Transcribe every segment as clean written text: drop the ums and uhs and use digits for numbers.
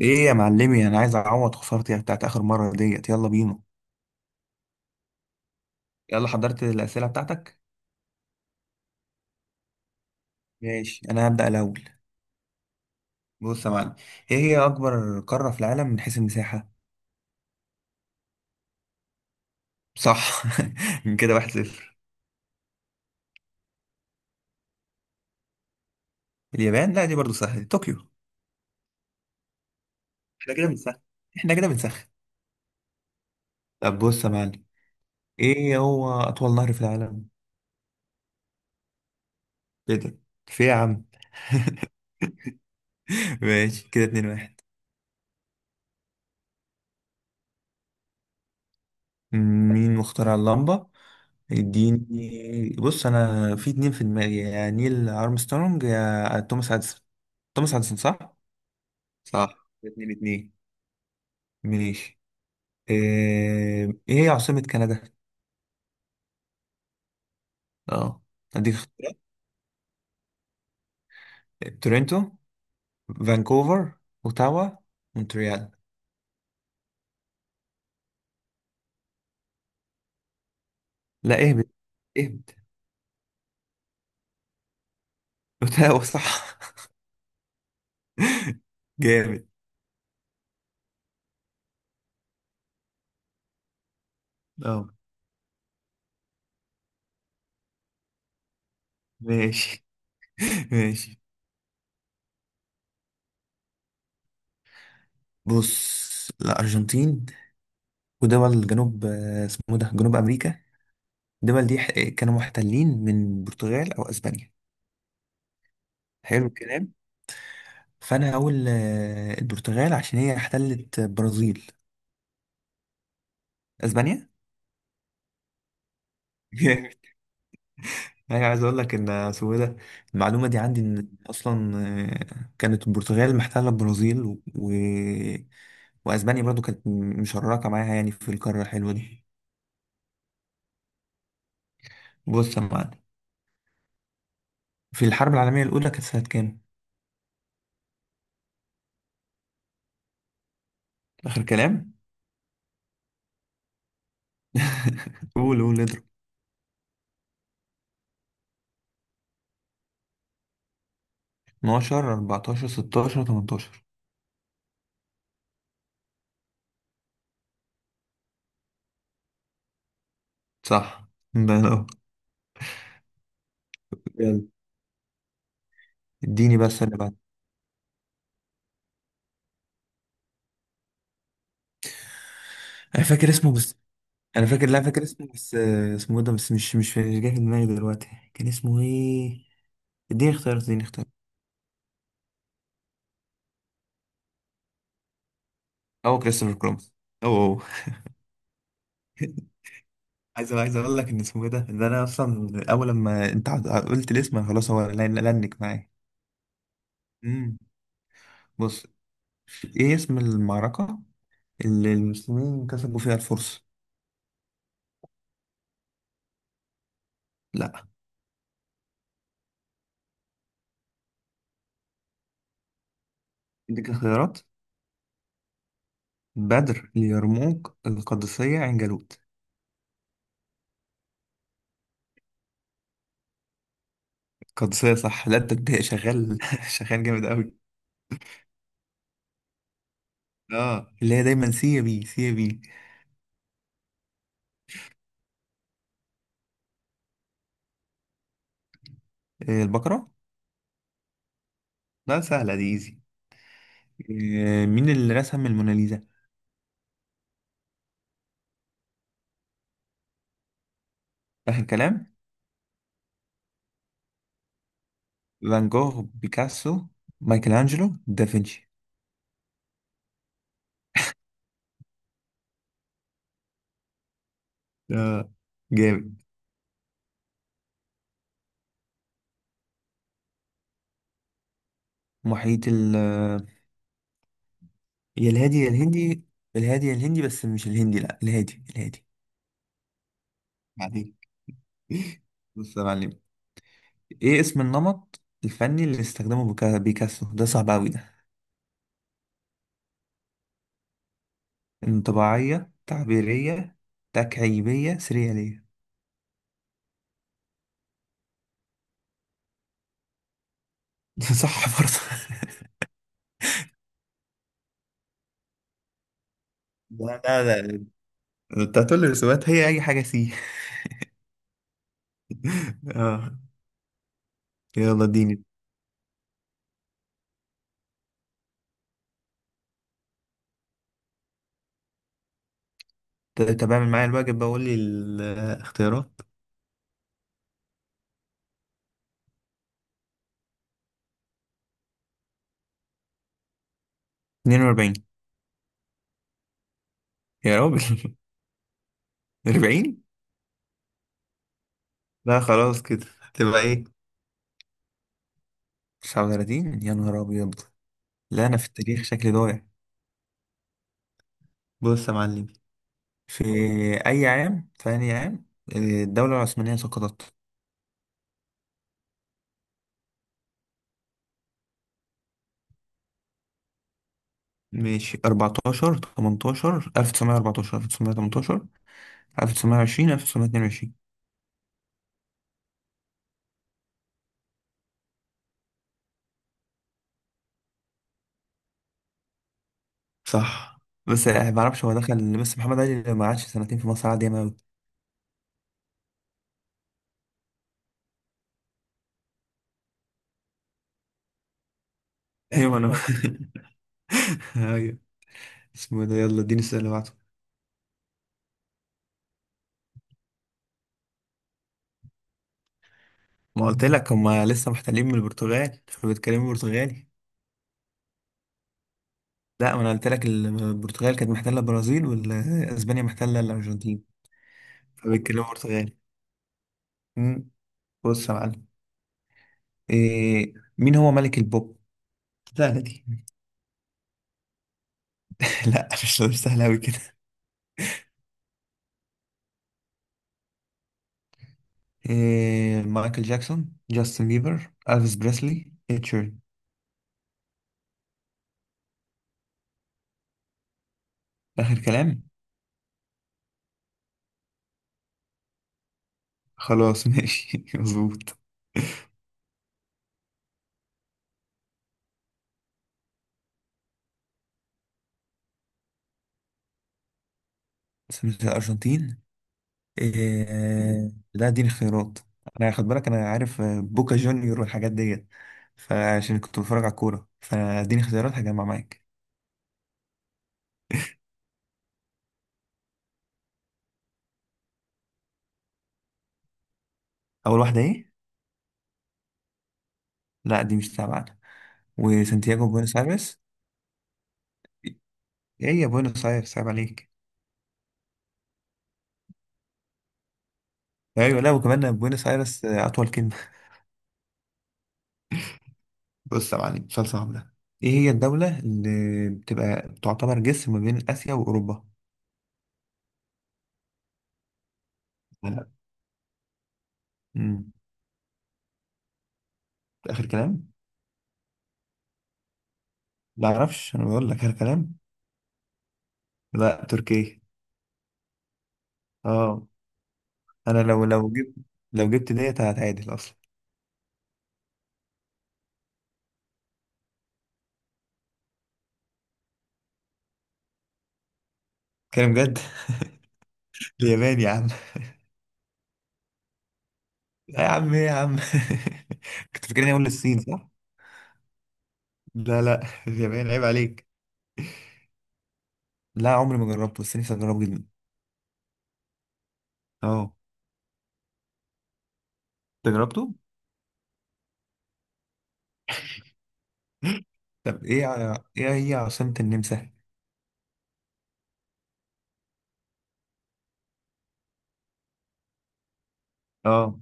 ايه يا معلمي، انا عايز اعوض خسارتي بتاعت اخر مره ديت. يلا بينا. يلا حضرت الاسئله بتاعتك؟ ماشي انا هبدا الاول. بص يا معلم. ايه هي اكبر قاره في العالم من حيث المساحه؟ صح من كده واحد صفر. اليابان لا، دي برضو سهله، طوكيو. احنا كده بنسخن. احنا كده بنسخن. طب بص يا معلم. ايه هو اطول نهر في العالم؟ كده. في إيه يا عم؟ ماشي، كده اتنين واحد. مين مخترع اللمبة؟ اديني. بص انا في اتنين في دماغي، يا نيل ارمسترونج يا توماس اديسون. توماس اديسون صح. صح، اتنين اتنين. ماشي. إيه هي عاصمة كندا؟ اه. اديك اختيارات. تورنتو، فانكوفر، اوتاوا، مونتريال. لا اهبد. اهبد. اوتاوا صح. جامد. اه ماشي. ماشي. بص الارجنتين ودول جنوب، اسمه إيه ده، جنوب امريكا. الدول دي كانوا محتلين من البرتغال او اسبانيا. حلو الكلام. فانا هقول البرتغال عشان هي احتلت برازيل. اسبانيا. جامد. انا عايز اقول لك ان اسمه إيه ده. المعلومه دي عندي ان اصلا. كانت البرتغال محتله البرازيل واسبانيا برضو كانت مشركه معاها، يعني في القاره الحلوه دي. بص يا معلم. في الحرب العالميه الاولى كانت سنه كام؟ اخر كلام. قول قول اضرب. 12 14 16 18. صح. ده أنا- يلا اديني بس اللي بعد. انا فاكر اسمه بس. انا فاكر لا فاكر اسمه بس، اسمه إيه ده، بس مش جاي في دماغي دلوقتي. كان اسمه ايه؟ اديني اختيار. هو كريستوفر كولومبس. او. عايز اقول لك ان اسمه ايه ده، ان انا اصلا اول لما انت قلت الاسم أنا خلاص، هو لنك معايا. امم. بص. ايه اسم المعركة اللي المسلمين كسبوا فيها الفرس؟ لا. اديك خيارات. بدر، اليرموك، القادسية، عين جالوت. قدسية صح. لا انت، انت شغال شغال جامد قوي. اه، اللي هي دايما سي يا بي، سي يا بي. البقرة. لا سهلة دي ايزي. مين اللي رسم الموناليزا؟ آخر كلام. فان جوخ، بيكاسو، مايكل أنجلو، دافنشي. اه. جامد. محيط ال يا الهادي يا الهندي. الهادي يا الهندي، بس مش الهندي، لا الهادي الهادي. بعدين. بص يا معلم. ايه اسم النمط الفني اللي استخدمه بيكاسو؟ ده صعب قوي. انطباعية، تعبيرية، تكعيبية، سريالية. صح برضه. لا لا لا، انت هتقول لي رسومات هي اي حاجة سي. اه. يلا اديني. طب اعمل معايا الواجب، بقول لي الاختيارات. 42. يا راجل. 40. لا خلاص كده. تبقى ايه؟ 39 يا نهار ابيض. لا انا في التاريخ شكلي ضايع. بص يا معلم. في في اي عام الدولة العثمانية سقطت؟ ماشي. 14 18 1914 1918 1920 1922. صح بس يعني ما بعرفش هو دخل، بس محمد علي ما قعدش سنتين في مصر عادي، ياما أوي. ايوه انا. ايوه. اسمه ده. يلا اديني السؤال اللي بعده. ما قلت لك هما لسه محتلين من البرتغال، فبيتكلموا برتغالي. لا ما انا قلت لك البرتغال كانت محتله البرازيل واسبانيا محتله الارجنتين. فبيتكلموا برتغالي. أمم، بص يا معلم. إيه، مين هو ملك البوب؟ سهلة دي. لا، مش سهلة أوي كده. إيه؟ مايكل جاكسون، جاستن بيبر، ألفيس بريسلي، إتشيرن. آخر كلام. خلاص. ماشي مظبوط. سمسة الأرجنتين. إيه؟ لا اديني اختيارات. أنا خد بالك، أنا عارف بوكا جونيور والحاجات ديت. فعشان كنت بتفرج على الكورة، فاديني اختيارات هجمع معاك. أول واحدة إيه؟ لا دي مش تابعة. وسانتياغو، بوينس آيرس. إيه يا بوينس آيرس عيب عليك. أيوة لا، وكمان بوينس آيرس، أطول كلمة. بص يا معلم، سؤال صعب ده. ايه هي الدولة اللي بتبقى تعتبر جسر ما بين آسيا وأوروبا؟ لا. امم. آخر كلام؟ لا معرفش. أنا بقول لك، آخر كلام؟ لا، تركيا. اه. أنا لو جبت، لو جبت ديت هتعادل أصلا. كلام جد. اليابان يا عم. لا يا عم. إيه يا عم. كنت فاكرني أقول الصين صح؟ لا لا، اليابان عيب عليك. لا عمري ما جربته، بس نفسي أجربه جدا. اه. أنت جربته؟ طب ايه ايه هي عاصمة النمسا؟ اه.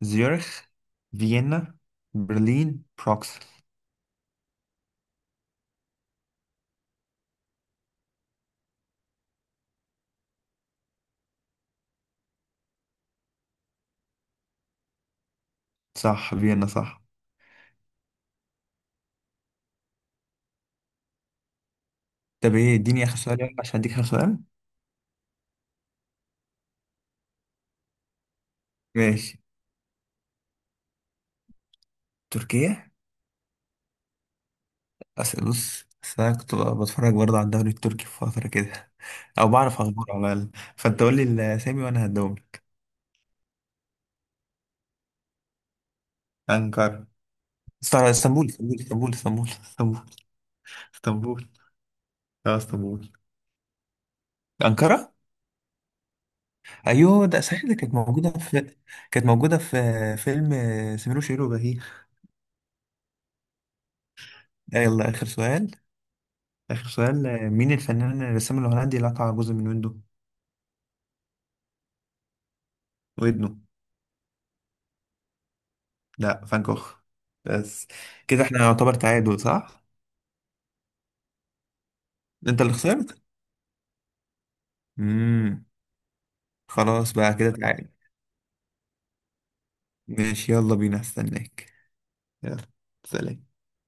زيورخ، فيينا، برلين، بروكسل. صح، فيينا صح. طب ايه، اديني اخر سؤال يلا، عشان اديك اخر سؤال. ماشي. تركيا. أسأل. بص أصل أنا كنت بتفرج برضه على الدوري التركي في فترة كده، أو بعرف أخباره على الأقل. فأنت قول لي الأسامي وأنا هديهم لك. أنقرة. اسطنبول اسطنبول اسطنبول اسطنبول اسطنبول اسطنبول. اه اسطنبول. أنقرة. أيوه ده صحيح، ده كانت موجودة في فيلم سمير وشهير وبهير. يلا آخر سؤال. آخر سؤال، مين الفنان الرسام الهولندي اللي قطع جزء من ويندو؟ ودنه. لا، فان جوخ بس. كده احنا يعتبر تعادل صح؟ انت اللي خسرت. امم. خلاص بقى كده تعادل. ماشي، يلا بينا استناك. يلا. سلام.